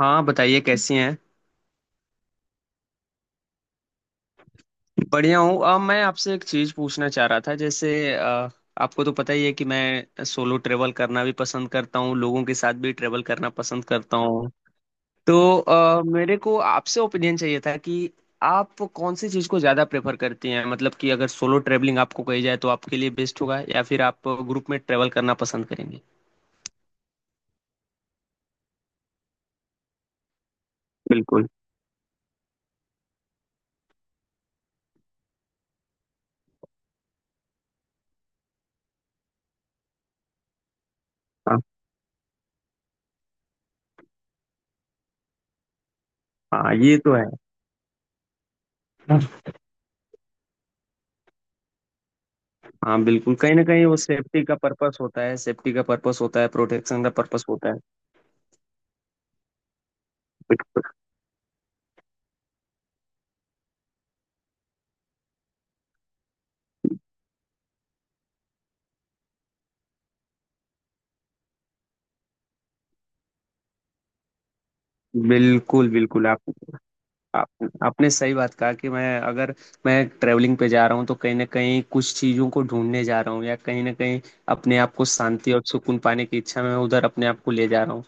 हाँ बताइए कैसी हैं। बढ़िया हूँ। अब मैं आपसे एक चीज़ पूछना चाह रहा था जैसे अ, आपको तो पता ही है कि मैं सोलो ट्रेवल करना भी पसंद करता हूँ, लोगों के साथ भी ट्रेवल करना पसंद करता हूँ। तो मेरे को आपसे ओपिनियन चाहिए था कि आप कौन सी चीज़ को ज़्यादा प्रेफर करती हैं, मतलब कि अगर सोलो ट्रेवलिंग आपको कही जाए तो आपके लिए बेस्ट होगा या फिर आप ग्रुप में ट्रेवल करना पसंद करेंगे। बिल्कुल। हाँ हाँ, ये तो है। हाँ बिल्कुल, कहीं ना कहीं वो सेफ्टी का पर्पस होता है, सेफ्टी का पर्पस होता है, प्रोटेक्शन का पर्पस होता है। बिल्कुल बिल्कुल। आप आपने सही बात कहा कि मैं अगर मैं ट्रैवलिंग पे जा रहा हूँ तो कहीं ना कहीं कुछ चीज़ों को ढूंढने जा रहा हूँ, या कहीं ना कहीं अपने आप को शांति और सुकून पाने की इच्छा में उधर अपने आप को ले जा रहा हूँ।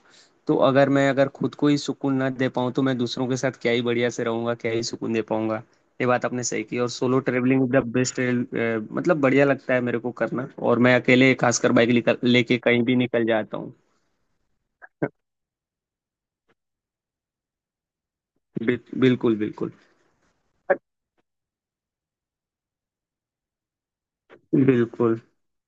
तो अगर मैं अगर खुद को ही सुकून ना दे पाऊँ तो मैं दूसरों के साथ क्या ही बढ़िया से रहूंगा, क्या ही सुकून दे पाऊंगा। ये बात आपने सही की, और सोलो ट्रैवलिंग द बेस्ट। मतलब बढ़िया लगता है मेरे को करना, और मैं अकेले खासकर बाइक लेके कहीं भी निकल जाता हूँ। बिल- बिल्कुल बिल्कुल बिल्कुल।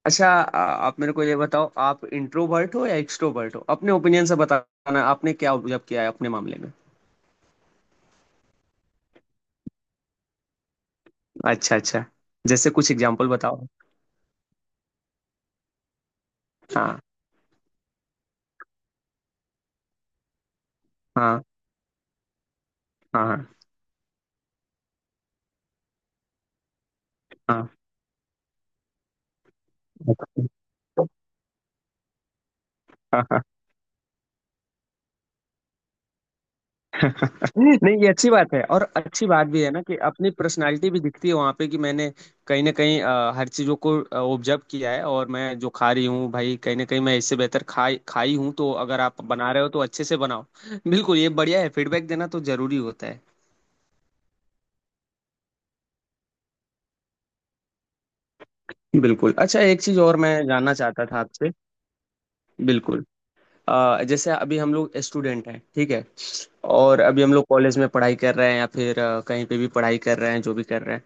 अच्छा आप मेरे को ये बताओ, आप इंट्रोवर्ट हो या एक्सट्रोवर्ट हो? अपने ओपिनियन से बताना, आपने क्या ऑब्जर्व किया है अपने मामले में। अच्छा अच्छा। जैसे कुछ एग्जांपल बताओ। हाँ। हाँ। हाँ। हाँ। हाँ। हाँ। नहीं, ये अच्छी बात है, और अच्छी बात भी है ना कि अपनी पर्सनालिटी भी दिखती है वहां पे कि मैंने कहीं ना कहीं हर चीजों को ऑब्जर्व किया है, और मैं जो खा रही हूँ भाई, कहीं ना कहीं मैं इससे बेहतर खाई खाई हूँ, तो अगर आप बना रहे हो तो अच्छे से बनाओ। बिल्कुल ये बढ़िया है, फीडबैक देना तो जरूरी होता है। बिल्कुल। अच्छा एक चीज और मैं जानना चाहता था आपसे। बिल्कुल। जैसे अभी हम लोग स्टूडेंट हैं ठीक है, और अभी हम लोग कॉलेज में पढ़ाई कर रहे हैं या फिर कहीं पे भी पढ़ाई कर रहे हैं, जो भी कर रहे हैं,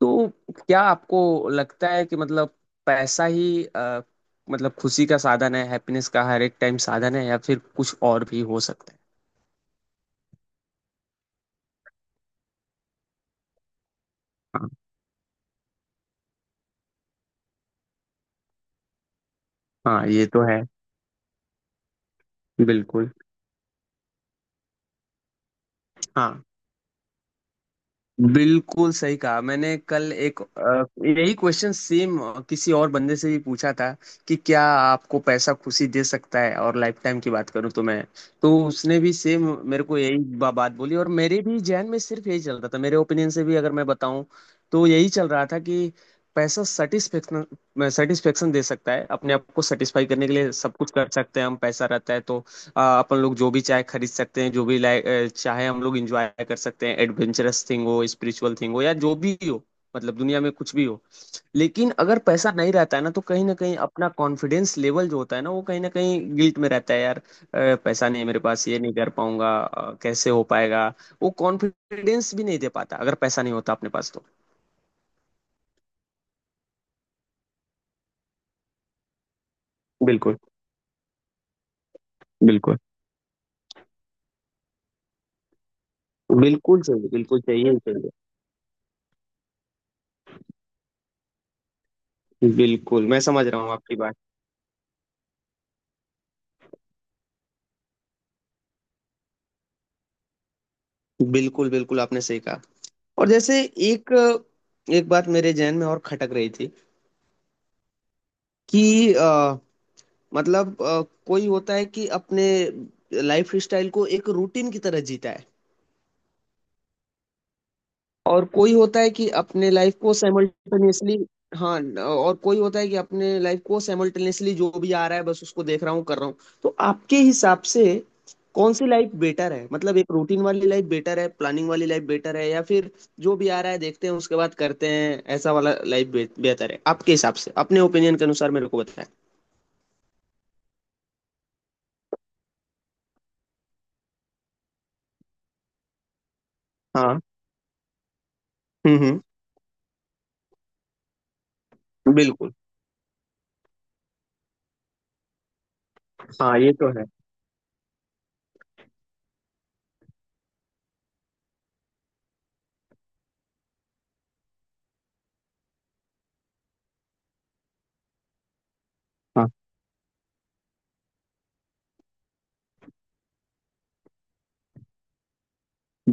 तो क्या आपको लगता है कि मतलब पैसा ही मतलब खुशी का साधन है, हैप्पीनेस का हर एक टाइम साधन है, या फिर कुछ और भी हो सकता है? हाँ हाँ, ये तो है। बिल्कुल। हाँ बिल्कुल सही कहा। मैंने कल एक यही क्वेश्चन सेम किसी और बंदे से भी पूछा था कि क्या आपको पैसा खुशी दे सकता है, और लाइफ टाइम की बात करूं तो मैं, तो उसने भी सेम मेरे को यही बात बोली, और मेरे भी जहन में सिर्फ यही चल रहा था। मेरे ओपिनियन से भी अगर मैं बताऊं तो यही चल रहा था कि पैसा सेटिस्फेक्शन, सेटिस्फेक्शन दे सकता है। अपने आप को सेटिस्फाई करने के लिए सब कुछ कर सकते हैं हम, पैसा रहता है तो अपन लोग जो भी चाहे खरीद सकते हैं, जो भी लाइक चाहे हम लोग इंजॉय कर सकते हैं, एडवेंचरस थिंग हो, स्पिरिचुअल थिंग हो, या जो भी हो, मतलब दुनिया में कुछ भी हो। लेकिन अगर पैसा नहीं रहता है ना, तो कहीं ना कहीं अपना कॉन्फिडेंस लेवल जो होता है ना, वो कहीं ना कहीं गिल्ट में रहता है यार, पैसा नहीं है मेरे पास, ये नहीं कर पाऊंगा, कैसे हो पाएगा। वो कॉन्फिडेंस भी नहीं दे पाता अगर पैसा नहीं होता अपने पास तो। बिल्कुल बिल्कुल। बिल्कुल चाहिए, बिल्कुल चाहिए ही चाहिए। बिल्कुल मैं समझ रहा हूँ आपकी बात। बिल्कुल बिल्कुल आपने सही कहा। और जैसे एक एक बात मेरे जहन में और खटक रही थी कि मतलब कोई होता है कि अपने लाइफ स्टाइल को एक रूटीन की तरह जीता है, और कोई होता है कि अपने लाइफ को साइमल्टेनियसली, और कोई होता है कि अपने लाइफ को साइमल्टेनियसली जो भी आ रहा है बस उसको देख रहा हूँ, कर रहा हूँ। तो आपके हिसाब से कौन सी लाइफ बेटर है, मतलब एक रूटीन वाली लाइफ बेटर है, प्लानिंग वाली लाइफ बेटर है, या फिर जो भी आ रहा है देखते हैं उसके बाद करते हैं ऐसा वाला लाइफ बेहतर है आपके हिसाब से? अपने ओपिनियन के अनुसार मेरे को बताएं। हाँ। हम्म। बिल्कुल। हाँ ये तो है। हाँ।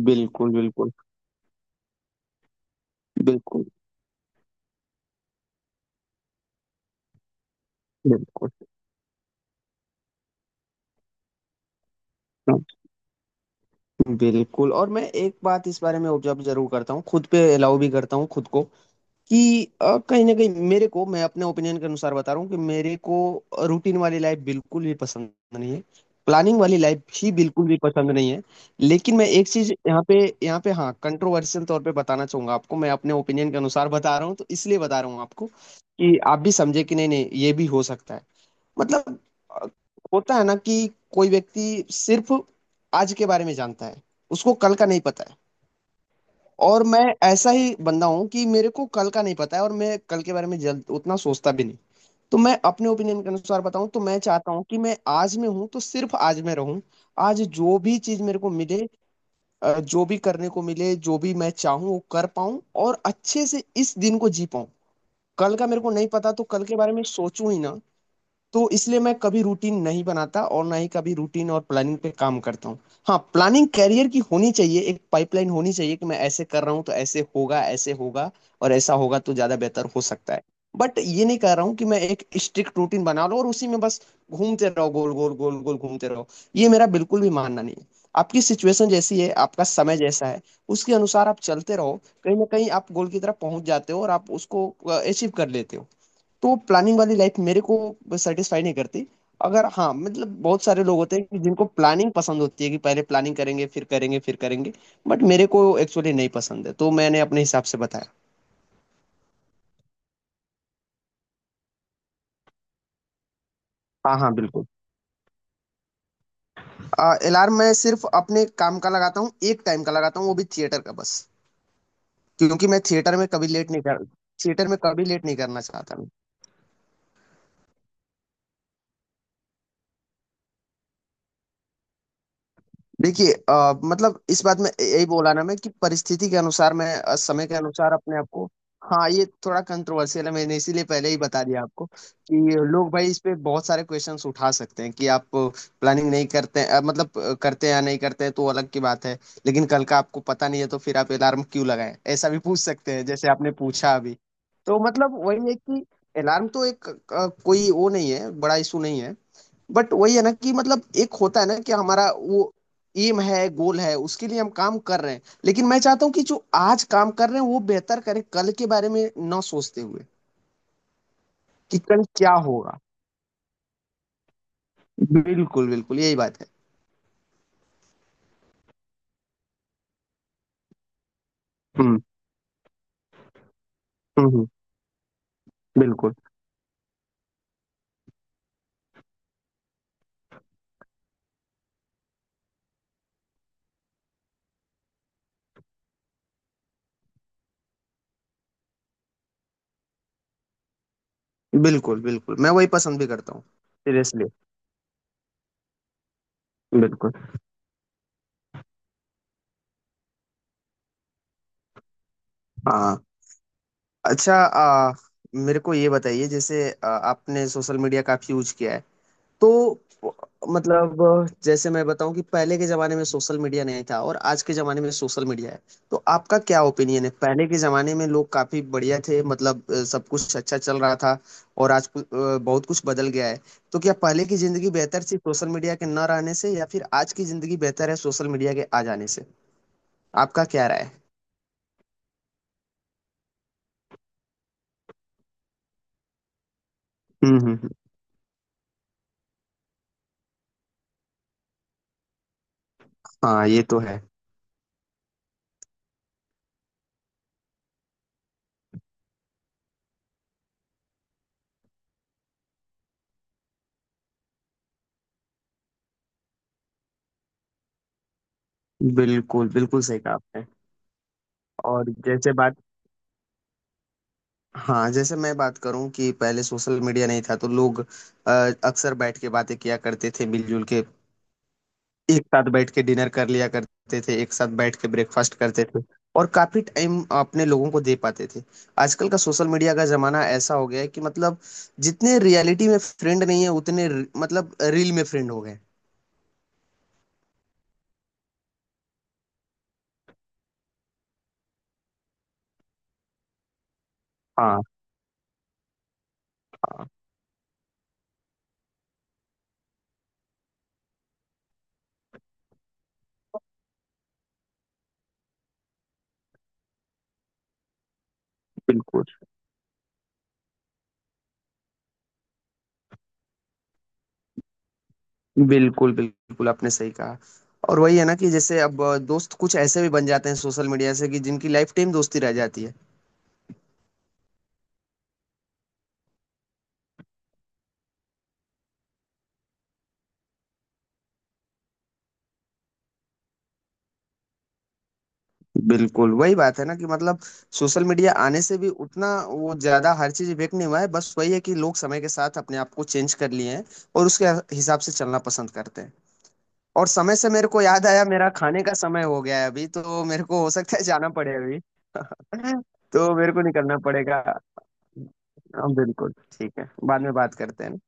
बिल्कुल बिल्कुल। बिल्कुल। बिल्कुल बिल्कुल। और मैं एक बात इस बारे में ऑब्जर्व जरूर करता हूँ खुद पे, अलाउ भी करता हूँ खुद को कि कहीं ना कहीं मेरे को, मैं अपने ओपिनियन के अनुसार बता रहा हूँ कि मेरे को रूटीन वाली लाइफ बिल्कुल भी पसंद नहीं है, प्लानिंग वाली लाइफ ही बिल्कुल भी पसंद नहीं है। लेकिन मैं एक चीज यहाँ पे, यहाँ पे हाँ कंट्रोवर्शियल तौर पे बताना चाहूंगा आपको, मैं अपने ओपिनियन के अनुसार बता रहा हूँ तो इसलिए बता रहा हूँ आपको कि आप भी समझे कि नहीं नहीं ये भी हो सकता है। मतलब अ, होता है ना कि कोई व्यक्ति सिर्फ आज के बारे में जानता है, उसको कल का नहीं पता है। और मैं ऐसा ही बंदा हूँ कि मेरे को कल का नहीं पता है, और मैं कल के बारे में जल्द उतना सोचता भी नहीं। तो मैं अपने ओपिनियन के अनुसार बताऊं तो मैं चाहता हूं कि मैं आज में हूं तो सिर्फ आज में रहूं। आज जो भी चीज मेरे को मिले, जो भी करने को मिले, जो भी मैं चाहूं वो कर पाऊं, और अच्छे से इस दिन को जी पाऊं। कल का मेरे को नहीं पता, तो कल के बारे में सोचूं ही ना। तो इसलिए मैं कभी रूटीन नहीं बनाता और ना ही कभी रूटीन और प्लानिंग पे काम करता हूँ। हाँ प्लानिंग कैरियर की होनी चाहिए, एक पाइपलाइन होनी चाहिए कि मैं ऐसे कर रहा हूँ तो ऐसे होगा, ऐसे होगा, और ऐसा होगा तो ज्यादा बेहतर हो सकता है। बट ये नहीं कह रहा हूँ कि मैं एक स्ट्रिक्ट रूटीन बना लूँ और उसी में बस घूमते रहो, गोल गोल गोल गोल घूमते रहो, ये मेरा बिल्कुल भी मानना नहीं है। आपकी सिचुएशन जैसी है, आपका समय जैसा है, उसके अनुसार आप चलते रहो, कहीं ना कहीं आप गोल की तरफ पहुंच जाते हो और आप उसको अचीव कर लेते हो। तो प्लानिंग वाली लाइफ मेरे को सेटिस्फाई नहीं करती। अगर हाँ मतलब बहुत सारे लोग होते हैं कि जिनको प्लानिंग पसंद होती है कि पहले प्लानिंग करेंगे, फिर करेंगे फिर करेंगे, बट मेरे को एक्चुअली नहीं पसंद है, तो मैंने अपने हिसाब से बताया। हाँ हाँ बिल्कुल। अलार्म मैं सिर्फ अपने काम का लगाता हूँ, एक टाइम का लगाता हूँ, वो भी थिएटर का बस। क्योंकि मैं थिएटर में कभी लेट नहीं कर, थिएटर में कभी लेट नहीं करना चाहता। देखिए मतलब इस बात में यही बोला ना मैं कि परिस्थिति के अनुसार मैं समय के अनुसार अपने आप को। हाँ ये थोड़ा कंट्रोवर्शियल है, मैंने इसीलिए पहले ही बता दिया आपको कि लोग भाई इस पे बहुत सारे क्वेश्चंस उठा सकते हैं कि आप प्लानिंग नहीं करते हैं, मतलब करते हैं या नहीं करते हैं तो अलग की बात है। लेकिन कल का आपको पता नहीं है तो फिर आप अलार्म क्यों लगाएं, ऐसा भी पूछ सकते हैं जैसे आपने पूछा अभी। तो मतलब वही है कि अलार्म तो एक कोई वो नहीं है, बड़ा इशू नहीं है। बट वही है ना कि मतलब एक होता है ना कि हमारा वो एम है, गोल है, उसके लिए हम काम कर रहे हैं, लेकिन मैं चाहता हूँ कि जो आज काम कर रहे हैं वो बेहतर करें, कल के बारे में ना सोचते हुए कि कल क्या होगा। बिल्कुल बिल्कुल यही बात है। हम्म हम्म। बिल्कुल। बिल्कुल बिल्कुल मैं वही पसंद भी करता हूँ सीरियसली। बिल्कुल। हाँ। अच्छा मेरे को ये बताइए, जैसे आपने सोशल मीडिया काफी यूज किया है, तो मतलब जैसे मैं बताऊं कि पहले के जमाने में सोशल मीडिया नहीं था और आज के जमाने में सोशल मीडिया है, तो आपका क्या ओपिनियन है? पहले के जमाने में लोग काफी बढ़िया थे, मतलब सब कुछ अच्छा चल रहा था, और आज बहुत कुछ बदल गया है। तो क्या पहले की जिंदगी बेहतर थी सोशल मीडिया के न रहने से, या फिर आज की जिंदगी बेहतर है सोशल मीडिया के आ जाने से? आपका क्या राय है? हम्म हम्म हम्म। हाँ ये तो है। बिल्कुल बिल्कुल सही कहा आपने। और जैसे बात, हाँ जैसे मैं बात करूं कि पहले सोशल मीडिया नहीं था तो लोग अक्सर बैठ के बातें किया करते थे मिलजुल के, एक साथ बैठ के डिनर कर लिया करते थे, एक साथ बैठ के ब्रेकफास्ट करते थे, और काफी टाइम अपने लोगों को दे पाते थे। आजकल का सोशल मीडिया का जमाना ऐसा हो गया है कि मतलब जितने रियलिटी में फ्रेंड नहीं है, उतने मतलब रील में फ्रेंड हो गए। हाँ। हाँ। बिल्कुल बिल्कुल बिल्कुल आपने सही कहा। और वही है ना कि जैसे अब दोस्त कुछ ऐसे भी बन जाते हैं सोशल मीडिया से कि जिनकी लाइफ टाइम दोस्ती रह जाती है। बिल्कुल। वही बात है ना कि मतलब सोशल मीडिया आने से भी उतना वो ज्यादा हर चीज इफेक्ट नहीं हुआ है, बस वही है कि लोग समय के साथ अपने आप को चेंज कर लिए हैं, और उसके हिसाब से चलना पसंद करते हैं। और समय से मेरे को याद आया, मेरा खाने का समय हो गया है अभी, तो मेरे को हो सकता है जाना पड़े अभी, तो मेरे को निकलना पड़ेगा। हाँ, बिल्कुल। ठीक है, बाद में बात करते हैं।